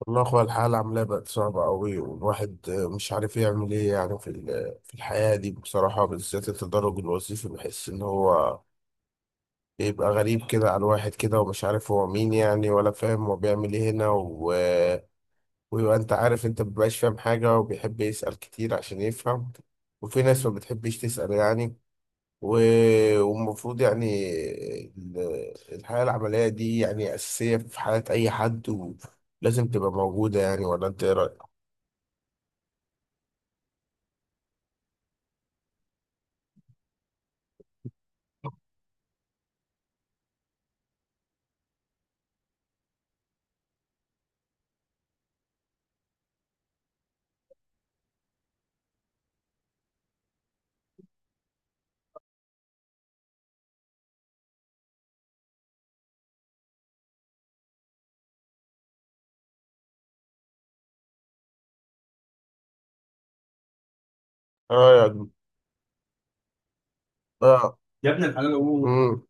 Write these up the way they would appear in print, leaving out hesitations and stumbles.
والله يا اخويا، الحالة عاملة بقت صعبة أوي. والواحد مش عارف يعمل إيه يعني في الحياة دي بصراحة. بالذات التدرج الوظيفي بحس إن هو بيبقى غريب كده على الواحد كده، ومش عارف هو مين يعني، ولا فاهم هو بيعمل إيه هنا ويبقى أنت عارف أنت مبيبقاش فاهم حاجة، وبيحب يسأل كتير عشان يفهم. وفي ناس ما بتحبش تسأل يعني. و... والمفروض يعني ال- الحياة العملية دي يعني أساسية في حياة أي حد لازم تبقى موجودة يعني. ولا انت ايه رأيك؟ اه، يعني. اه، يا ابن الحلال، قول مم.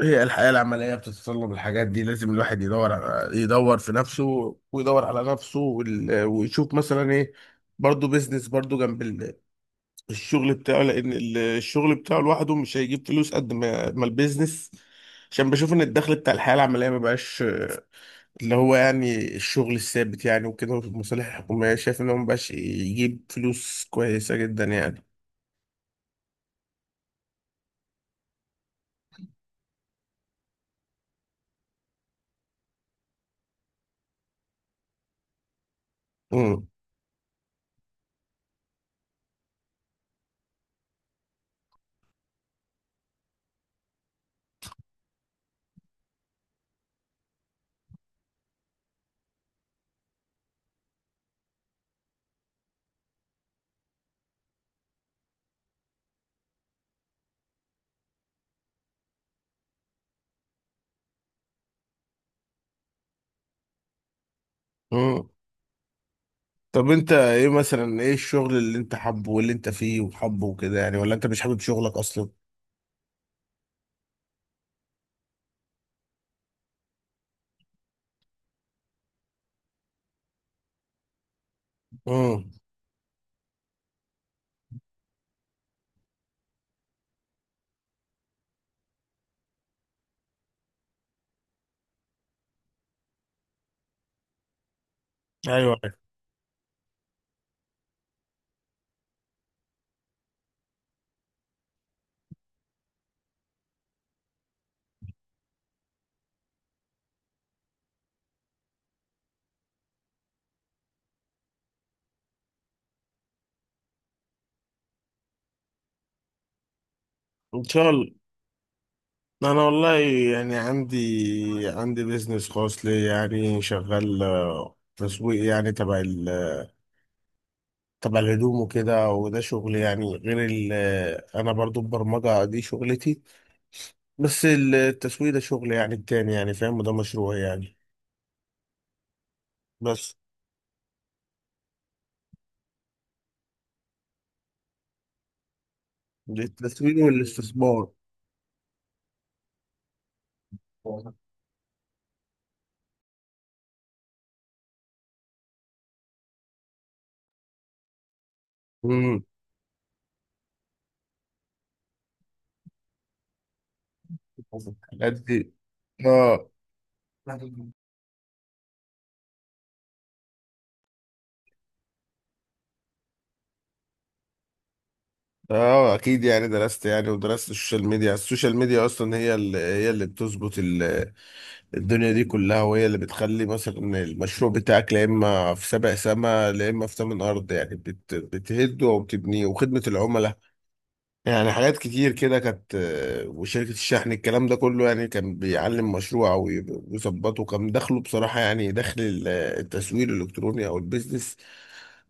هي الحياة العملية بتتطلب الحاجات دي. لازم الواحد يدور في نفسه، ويدور على نفسه، ويشوف مثلا ايه. برضه بيزنس برضه جنب الشغل بتاعه، لأن الشغل بتاعه لوحده مش هيجيب فلوس قد ما البيزنس. عشان بشوف ان الدخل بتاع الحياة العملية ما بقاش اللي هو يعني الشغل الثابت يعني، وكده في المصالح الحكومية، شايف ان هو ما بقاش يجيب فلوس كويسة جدا يعني. مم. مم. طب انت ايه، مثلا ايه الشغل اللي انت حابه، واللي انت فيه وحابه وكده يعني، ولا انت مش حابب شغلك اصلا؟ امم. ايوه، ايوه. ان شاء الله. انا والله يعني عندي بيزنس خاص لي يعني شغال، تسويق يعني، تبع تبع الهدوم وكده. وده شغل يعني غير ال آه، انا برضو البرمجة دي شغلتي. بس التسويق ده شغل يعني التاني، يعني فاهم، وده مشروع يعني. بس التسويق والاستثمار. امم. الحاجات دي. اه، اه، اكيد يعني درست يعني، ودرست السوشيال ميديا. السوشيال ميديا اصلا هي اللي بتظبط الدنيا دي كلها، وهي اللي بتخلي مثلا المشروع بتاعك لا اما في سبع سما لا اما في ثمن ارض. يعني بتهده وبتبنيه، وخدمة العملاء، يعني حاجات كتير كده كانت، وشركة الشحن، الكلام ده كله يعني كان بيعلم مشروع ويظبطه. كان دخله بصراحة، يعني دخل التسويق الالكتروني او البيزنس،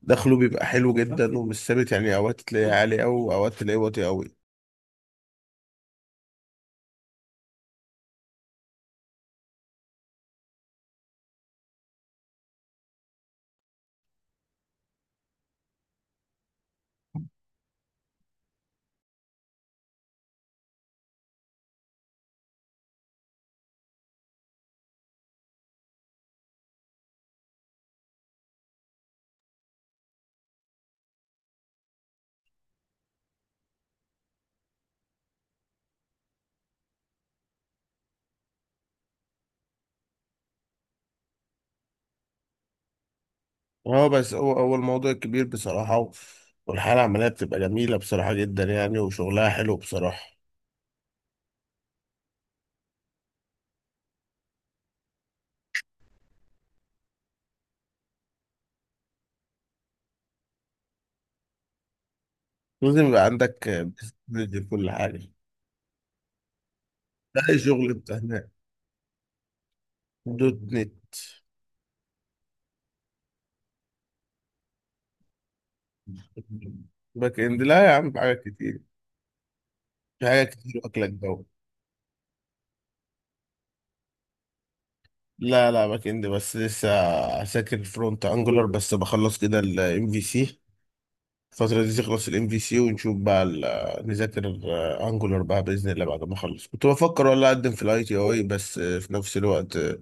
دخله بيبقى حلو جدا ومش ثابت. يعني اوقات تلاقيه عالي قوي، اوقات تلاقيه واطي قوي. اه، بس هو الموضوع كبير بصراحة، والحالة العملية بتبقى جميلة بصراحة جدا يعني، وشغلها حلو بصراحة. لازم يبقى عندك بيزنس، كل حاجة. ده أي شغل بتاع هناك. دوت نت. باك اند، لا يا عم، في حاجات كتير، في حاجات كتير واكلة الجو. لا، لا، باك اند بس لسه. ساكن فرونت انجولار، بس بخلص كده الام في سي. الفترة دي تخلص الام في سي، ونشوف بقى نذاكر انجولار بقى باذن الله. بعد ما اخلص كنت بفكر والله اقدم في الاي تي اي. بس في نفس الوقت،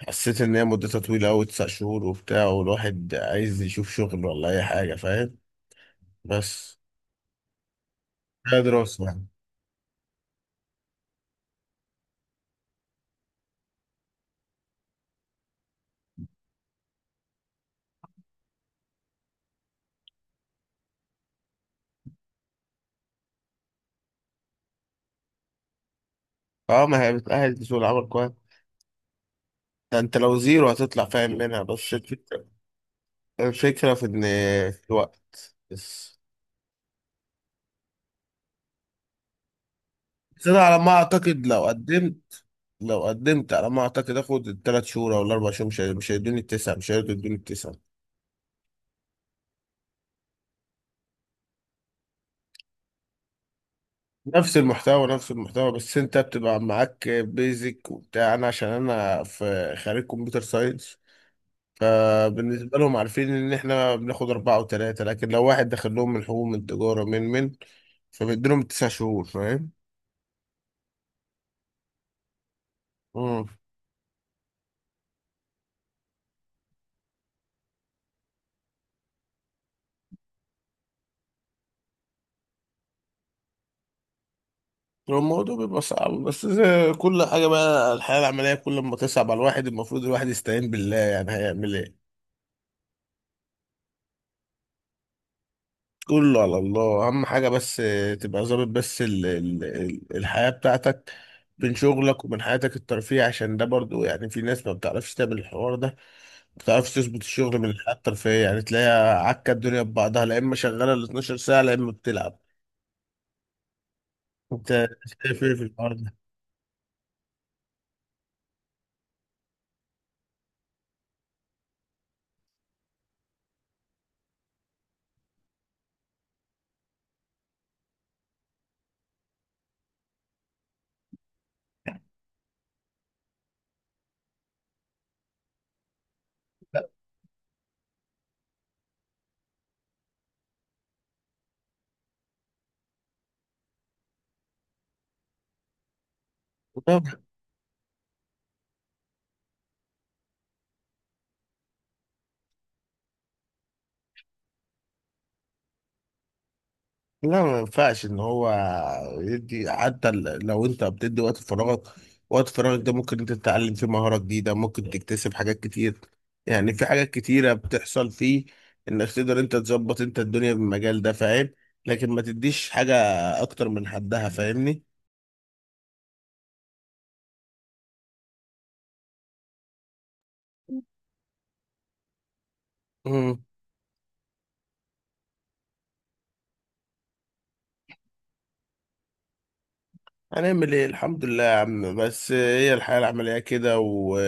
حسيت ان هي مدتها طويلة قوي، 9 شهور وبتاع، والواحد عايز يشوف شغل ولا اي حاجة، فاهم. بس هي دراسة يعني. اه، ما هي بتأهل لسوق العمل كويس. ده انت لو زيرو هتطلع فاهم منها. بس الفكرة، الفكرة في ان، في الوقت بس. بس انا على ما اعتقد لو قدمت على ما اعتقد اخد ال3 شهور او ال4 شهور. مش هيدوني التسعه، مش هيرضوا يدوني التسعه. نفس المحتوى، نفس المحتوى، بس انت بتبقى معاك بيزك وبتاع. انا عشان انا في خريج كمبيوتر ساينس، فبالنسبه لهم عارفين ان احنا بناخد اربعه وثلاثه. لكن لو واحد داخل لهم من حقوق، من تجاره، من فبيديلهم ال9 شهور، فاهم. هو الموضوع بيبقى صعب، بس زي كل حاجة بقى، الحياة العملية كل ما تصعب على الواحد، المفروض الواحد يستعين بالله. يعني هيعمل ايه، كله على الله. أهم حاجة بس تبقى ظابط بس ال الحياة بتاعتك بين شغلك وبين حياتك الترفيه. عشان ده برضو يعني، في ناس ما بتعرفش تعمل الحوار ده، ما بتعرفش تظبط الشغل من الحياة الترفيهية. يعني تلاقيها عكة، الدنيا ببعضها، لا إما شغالة ال 12 ساعة، لا إما بتلعب. أنت شايف إيه في الحوار ده؟ لا، ما ينفعش ان هو يدي، حتى لو انت بتدي وقت فراغك، وقت فراغك ده ممكن انت تتعلم فيه مهارة جديدة، ممكن تكتسب حاجات كتير. يعني في حاجات كتيرة بتحصل فيه، انك تقدر انت تظبط انت الدنيا بالمجال ده، فاهم. لكن ما تديش حاجة اكتر من حدها، فاهمني. امم. هنعمل ايه، الحمد لله يا عم. بس هي الحياة العملية كده،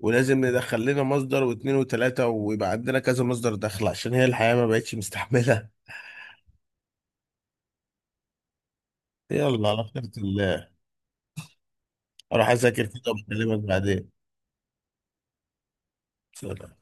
ولازم ندخل لنا مصدر واتنين وتلاتة، ويبقى عندنا كذا مصدر دخل، عشان هي الحياة ما بقتش مستحملة. يلا على خيرة الله، اروح اذاكر كده، وبكلمك بعدين. سلام.